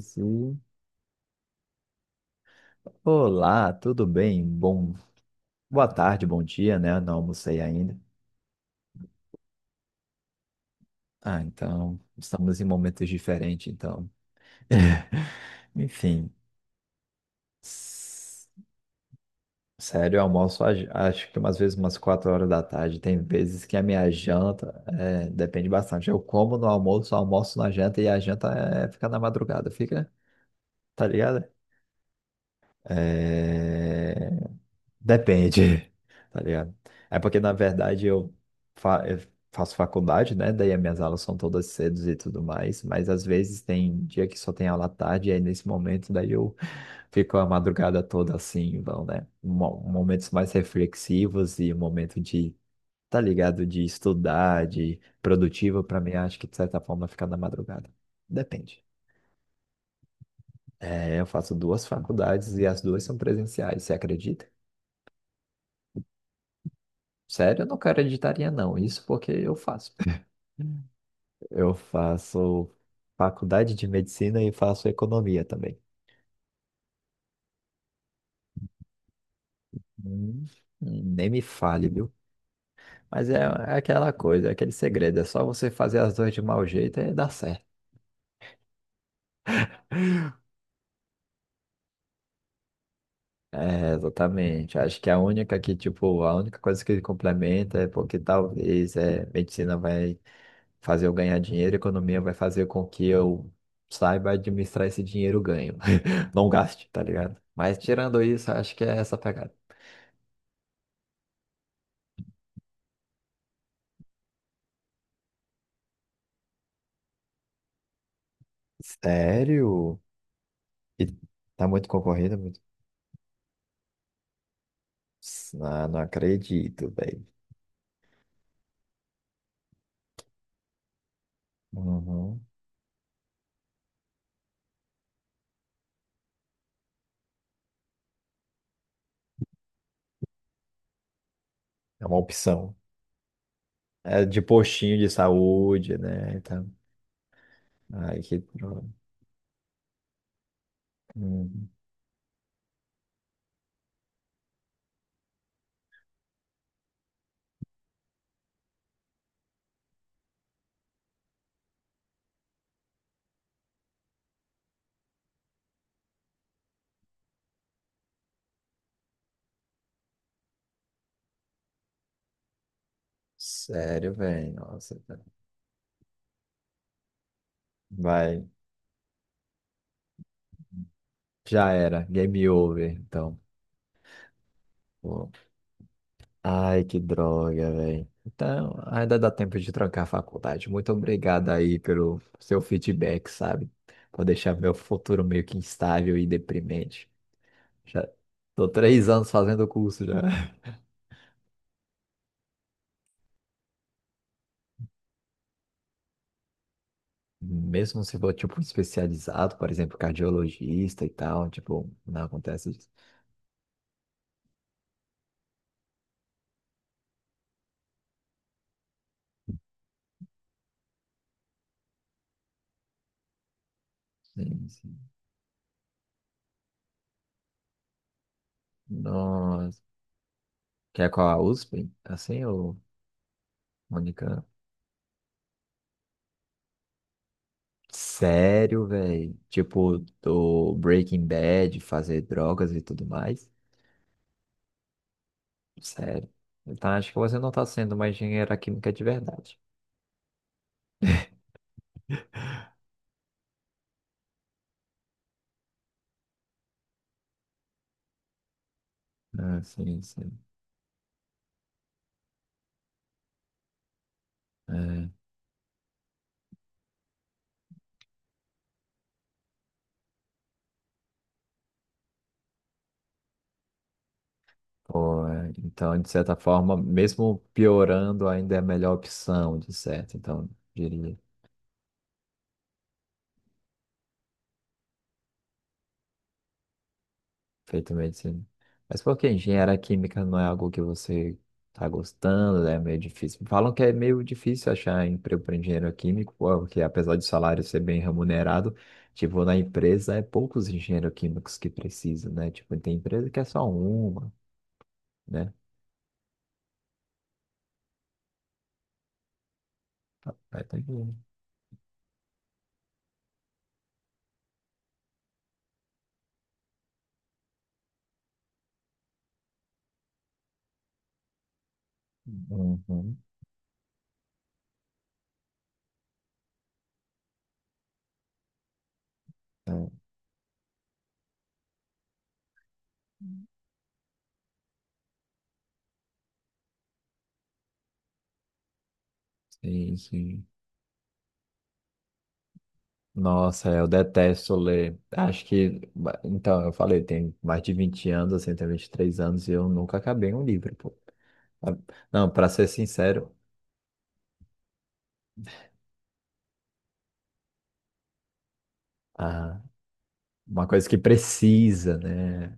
Sim. Olá, tudo bem? Bom, boa tarde, bom dia, né? Não almocei ainda. Ah, então, estamos em momentos diferentes, então. Enfim, s- sério, eu almoço acho que umas vezes umas 4 horas da tarde. Tem vezes que a minha janta é, depende bastante. Eu como no almoço, almoço na janta e a janta é, fica na madrugada, fica, tá ligado? É... Depende, tá ligado? É porque, na verdade, eu, eu faço faculdade, né? Daí as minhas aulas são todas cedo e tudo mais, mas às vezes tem dia que só tem aula à tarde, e aí nesse momento, daí eu fico a madrugada toda assim, então, né? Momentos mais reflexivos e momento de, tá ligado? De estudar, de produtivo, pra mim, acho que de certa forma fica na madrugada. Depende. É, eu faço duas faculdades e as duas são presenciais, você acredita? Sério, eu não quero editaria não. Isso porque eu faço. Eu faço faculdade de medicina e faço economia também. Hum, nem me fale, viu? Mas é, é aquela coisa, é aquele segredo. É só você fazer as duas de mau jeito e dá certo. É, exatamente. Acho que a única que, tipo, a única coisa que complementa é porque talvez é, medicina vai fazer eu ganhar dinheiro, economia vai fazer com que eu saiba administrar esse dinheiro ganho. Não gaste, tá ligado? Mas tirando isso, acho que é essa pegada. Sério? E tá muito concorrido? Muito... Ah, não acredito, velho. Uhum. É uma opção. É de postinho de saúde, né? Então, ai, que droga. Uhum. Sério, velho. Nossa, cara. Vai. Já era. Game over, então. Pô. Ai, que droga, velho. Então, ainda dá tempo de trancar a faculdade. Muito obrigado aí pelo seu feedback, sabe? Por deixar meu futuro meio que instável e deprimente. Já tô 3 anos fazendo o curso já. Mesmo se for, tipo, especializado, por exemplo, cardiologista e tal, tipo, não acontece isso. Sim, sim. Nossa. Quer qual a USP? Assim, ou Mônica? Sério, velho? Tipo, do Breaking Bad, fazer drogas e tudo mais? Sério. Então acho que você não está sendo uma engenheira química de verdade. Ah, sim, sim. É, pô, é, então, de certa forma, mesmo piorando, ainda é a melhor opção, de certo. Então, diria, feito medicina. Mas por que engenharia química não é algo que você tá gostando, né? É meio difícil. Falam que é meio difícil achar emprego para engenheiro químico, porque apesar de o salário ser bem remunerado, tipo, na empresa é poucos engenheiros químicos que precisam, né? Tipo, tem empresa que é só uma. Né? Vai tá bom. Uhum, é. Sim, sim. Nossa, eu detesto ler. Acho que, então, eu falei, tem mais de 20 anos, assim, tem 23 anos, e eu nunca acabei um livro, pô. Ah, não, pra ser sincero, ah, uma coisa que precisa, né?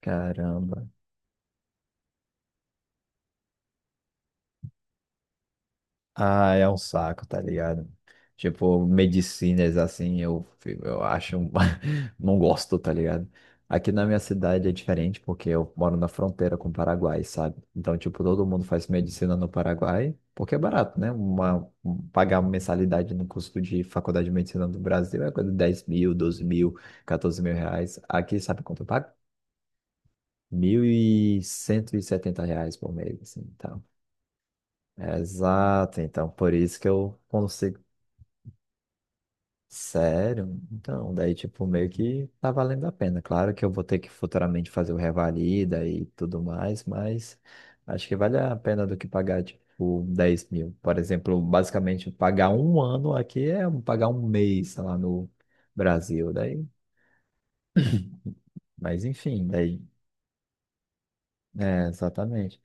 Caramba. Ah, é um saco, tá ligado? Tipo, medicinas assim, eu, eu acho Não gosto, tá ligado? Aqui na minha cidade é diferente, porque eu moro na fronteira com o Paraguai, sabe? Então, tipo, todo mundo faz medicina no Paraguai, porque é barato, né? Pagar uma mensalidade no custo de faculdade de medicina do Brasil é coisa de 10 mil, 12 mil, 14 mil reais. Aqui, sabe quanto eu pago? Mil e cento e setenta reais por mês, assim, então. É exato, então por isso que eu consigo. Sério? Então, daí, tipo, meio que tá valendo a pena. Claro que eu vou ter que futuramente fazer o revalida e tudo mais, mas acho que vale a pena do que pagar, tipo, 10 mil. Por exemplo, basicamente, pagar um ano aqui é um, pagar um mês, sei lá, no Brasil. Daí, mas enfim, daí, é, exatamente.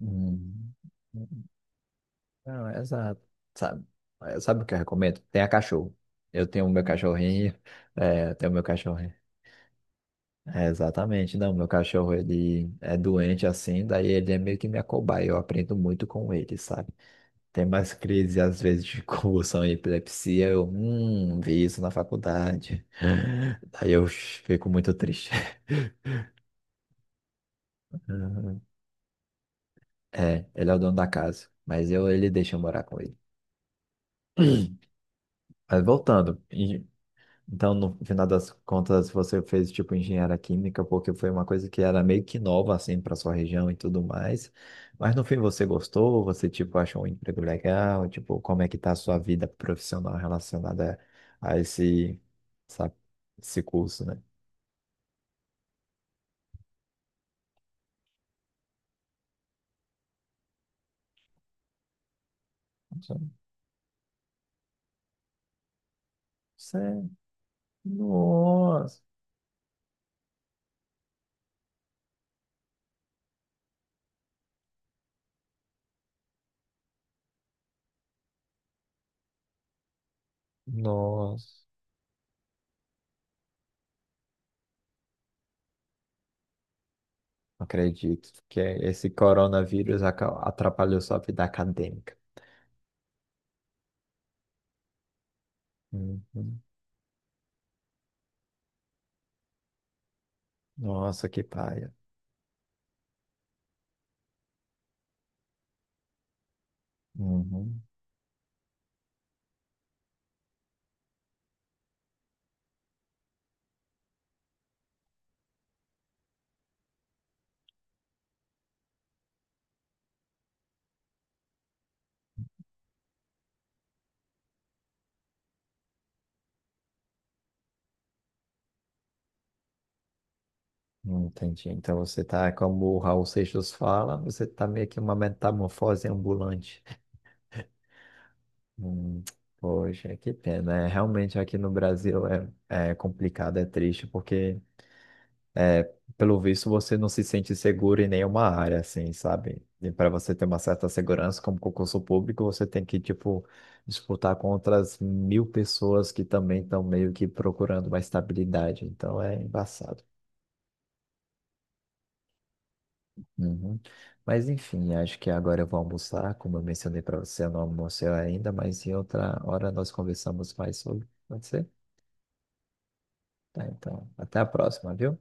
Hum. Não, é exato. Sabe, sabe o que eu recomendo? Tenha cachorro. Eu tenho o meu cachorrinho, é, eu tenho o meu cachorro. É, exatamente. Não, meu cachorro, ele é doente assim, daí ele é meio que minha cobaia. Eu aprendo muito com ele, sabe? Tem mais crises, às vezes, de convulsão e epilepsia. Eu vi isso na faculdade. Daí eu fico muito triste. Uhum. É, ele é o dono da casa, mas eu, ele deixa eu morar com ele. Mas voltando, então, no final das contas, você fez tipo engenharia química porque foi uma coisa que era meio que nova assim para sua região e tudo mais. Mas no fim você gostou? Você tipo achou um emprego legal? Tipo, como é que tá a sua vida profissional relacionada a esse, essa- esse curso, né? Você... é, nossa, nossa, não acredito que esse coronavírus atrapalhou sua vida acadêmica. Uhum. Nossa, que paia. Uhum. Entendi. Então você tá, como o Raul Seixas fala, você tá meio que uma metamorfose ambulante. Hum, poxa, que pena. Realmente aqui no Brasil é complicado, é triste, porque pelo visto você não se sente seguro em nenhuma área, assim, sabe? E para você ter uma certa segurança como concurso público, você tem que, tipo, disputar com outras 1.000 pessoas que também estão meio que procurando uma estabilidade. Então é embaçado. Uhum. Mas enfim, acho que agora eu vou almoçar. Como eu mencionei para você, eu não almocei ainda, mas em outra hora nós conversamos mais sobre. Pode ser? Tá, então, até a próxima, viu?